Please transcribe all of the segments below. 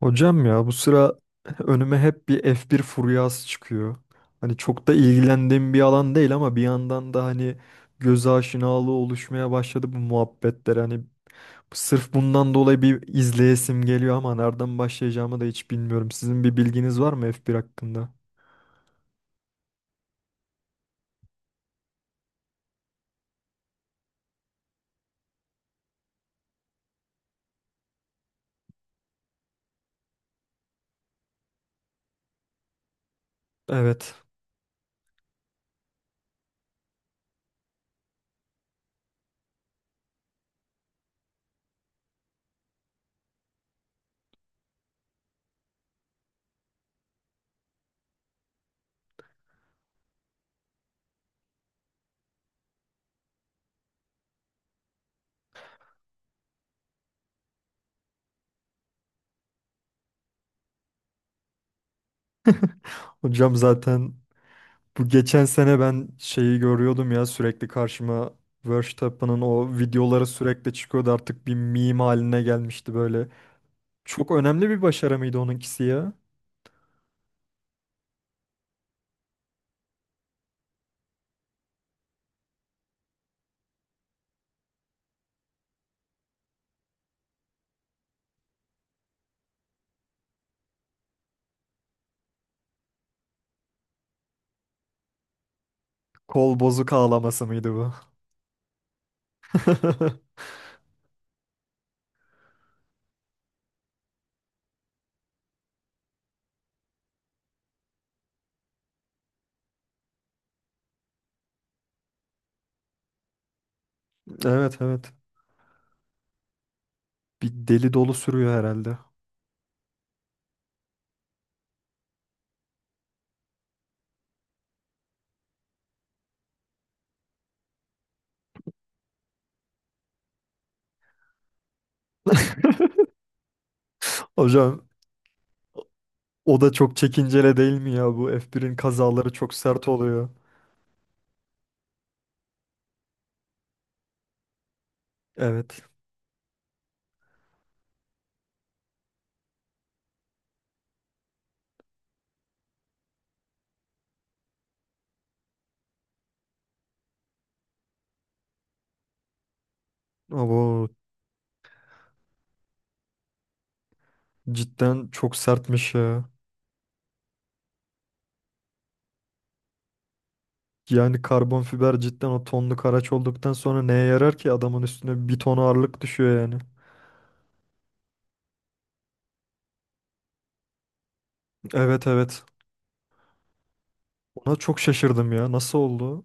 Hocam ya bu sıra önüme hep bir F1 furyası çıkıyor. Hani çok da ilgilendiğim bir alan değil ama bir yandan da hani göz aşinalığı oluşmaya başladı bu muhabbetler. Hani sırf bundan dolayı bir izleyesim geliyor ama nereden başlayacağımı da hiç bilmiyorum. Sizin bir bilginiz var mı F1 hakkında? Evet. Hocam zaten bu geçen sene ben şeyi görüyordum ya sürekli karşıma Verstappen'ın o videoları sürekli çıkıyordu artık bir meme haline gelmişti böyle. Çok önemli bir başarı mıydı onunkisi ya? Kol bozuk ağlaması mıydı bu? Evet, evet. Bir deli dolu sürüyor herhalde. Hocam o da çok çekincele değil mi ya? Bu F1'in kazaları çok sert oluyor. Evet. Abo, cidden çok sertmiş ya. Yani karbon fiber cidden o tonluk araç olduktan sonra neye yarar ki adamın üstüne bir ton ağırlık düşüyor yani. Evet, evet. Ona çok şaşırdım ya. Nasıl oldu?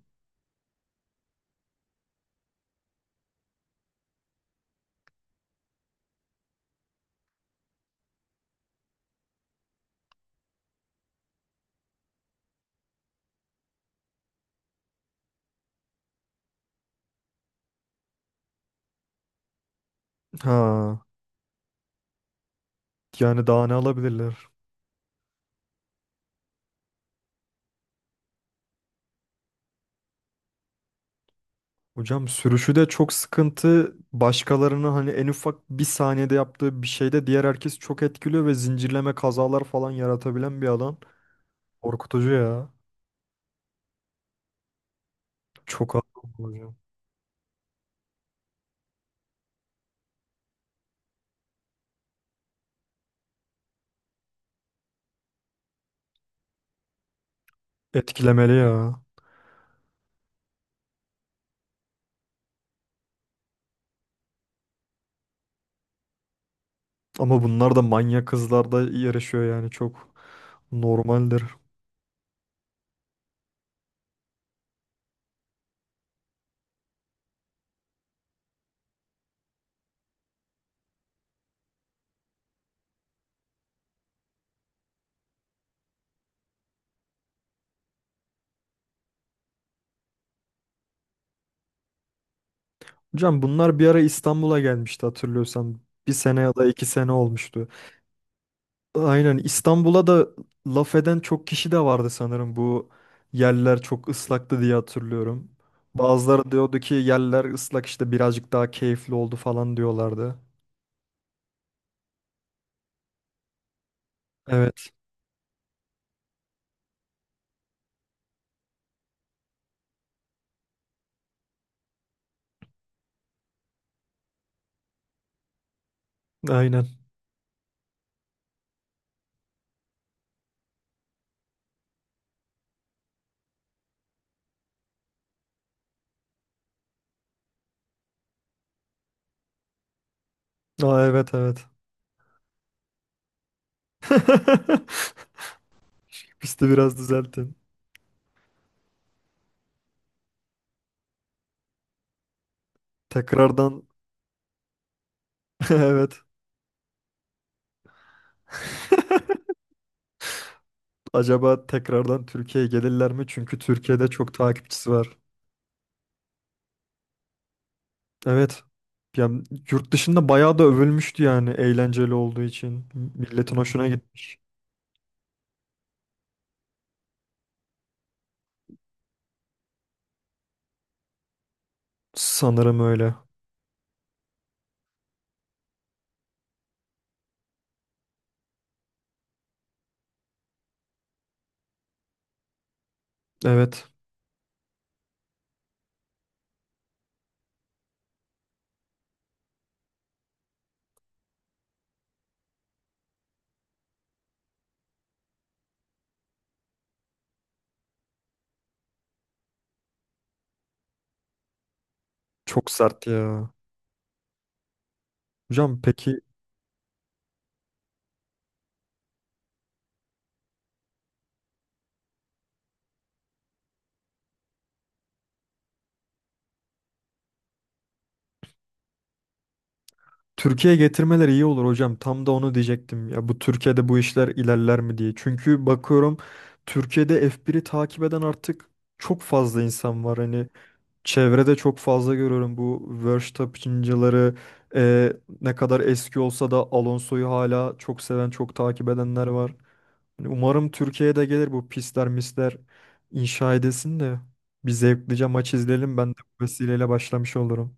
Ha. Yani daha ne alabilirler? Hocam sürüşü de çok sıkıntı. Başkalarını hani en ufak bir saniyede yaptığı bir şeyde diğer herkes çok etkiliyor ve zincirleme kazalar falan yaratabilen bir adam. Korkutucu ya. Çok haklı hocam. Etkilemeli ya. Ama bunlar da manyak kızlarda yarışıyor yani çok normaldir. Hocam bunlar bir ara İstanbul'a gelmişti hatırlıyorsan. Bir sene ya da iki sene olmuştu. Aynen, İstanbul'a da laf eden çok kişi de vardı sanırım, bu yerler çok ıslaktı diye hatırlıyorum. Bazıları diyordu ki yerler ıslak işte birazcık daha keyifli oldu falan diyorlardı. Evet. Aynen. Aa, evet, evet. Pisti biraz düzeltin. Tekrardan. Evet. Acaba tekrardan Türkiye'ye gelirler mi? Çünkü Türkiye'de çok takipçisi var. Evet. Ya, yurt dışında bayağı da övülmüştü yani eğlenceli olduğu için. Milletin hoşuna gitti. Sanırım öyle. Evet. Çok sert ya. Hocam peki, Türkiye'ye getirmeleri iyi olur hocam. Tam da onu diyecektim. Ya bu Türkiye'de bu işler ilerler mi diye. Çünkü bakıyorum Türkiye'de F1'i takip eden artık çok fazla insan var. Hani çevrede çok fazla görüyorum bu Verstappen'cıları, e, ne kadar eski olsa da Alonso'yu hala çok seven, çok takip edenler var. Hani umarım Türkiye'de gelir bu pisler misler, inşa edesin de bir zevklice maç izleyelim. Ben de bu vesileyle başlamış olurum.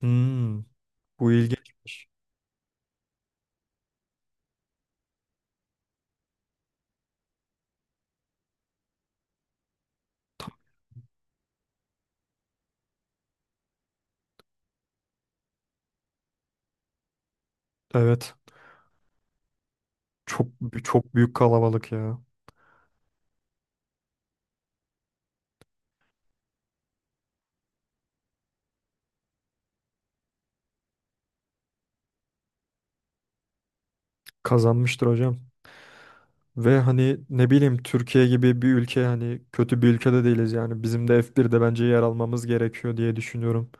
Hmm, bu ilginçmiş. Evet. Çok çok büyük kalabalık ya. Kazanmıştır hocam. Ve hani ne bileyim Türkiye gibi bir ülke, hani kötü bir ülkede değiliz yani. Bizim de F1'de bence yer almamız gerekiyor diye düşünüyorum.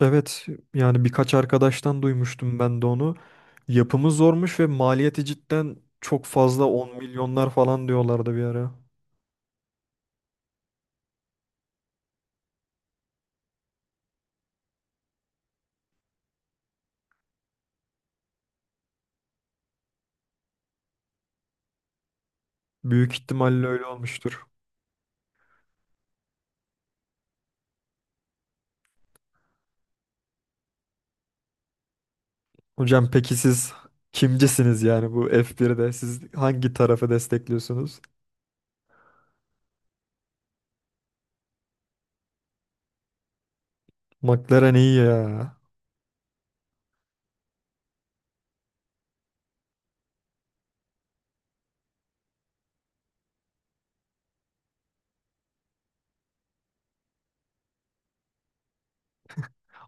Evet, yani birkaç arkadaştan duymuştum ben de onu. Yapımı zormuş ve maliyeti cidden çok fazla, 10 milyonlar falan diyorlardı bir ara. Büyük ihtimalle öyle olmuştur. Hocam peki siz kimcisiniz yani bu F1'de? Siz hangi tarafı destekliyorsunuz? McLaren iyi ya.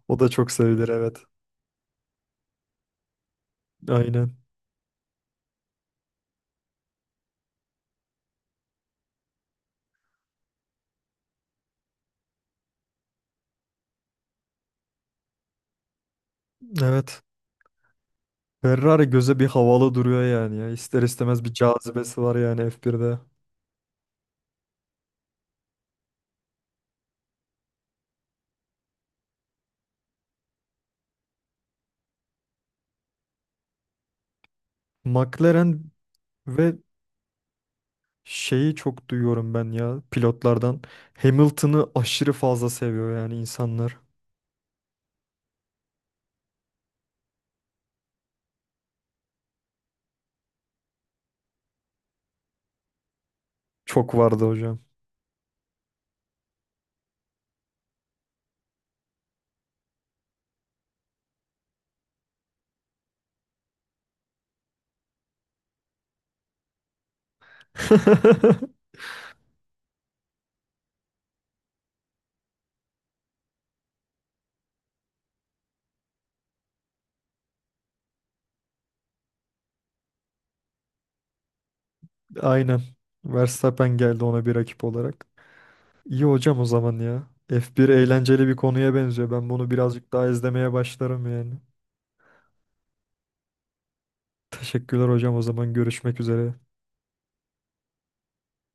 O da çok sevilir, evet. Aynen. Evet. Ferrari göze bir havalı duruyor yani ya. İster istemez bir cazibesi var yani F1'de. McLaren. Ve şeyi çok duyuyorum ben ya pilotlardan. Hamilton'ı aşırı fazla seviyor yani insanlar. Çok vardı hocam. Aynen. Verstappen geldi ona bir rakip olarak. İyi hocam o zaman ya. F1 eğlenceli bir konuya benziyor. Ben bunu birazcık daha izlemeye başlarım yani. Teşekkürler hocam, o zaman görüşmek üzere.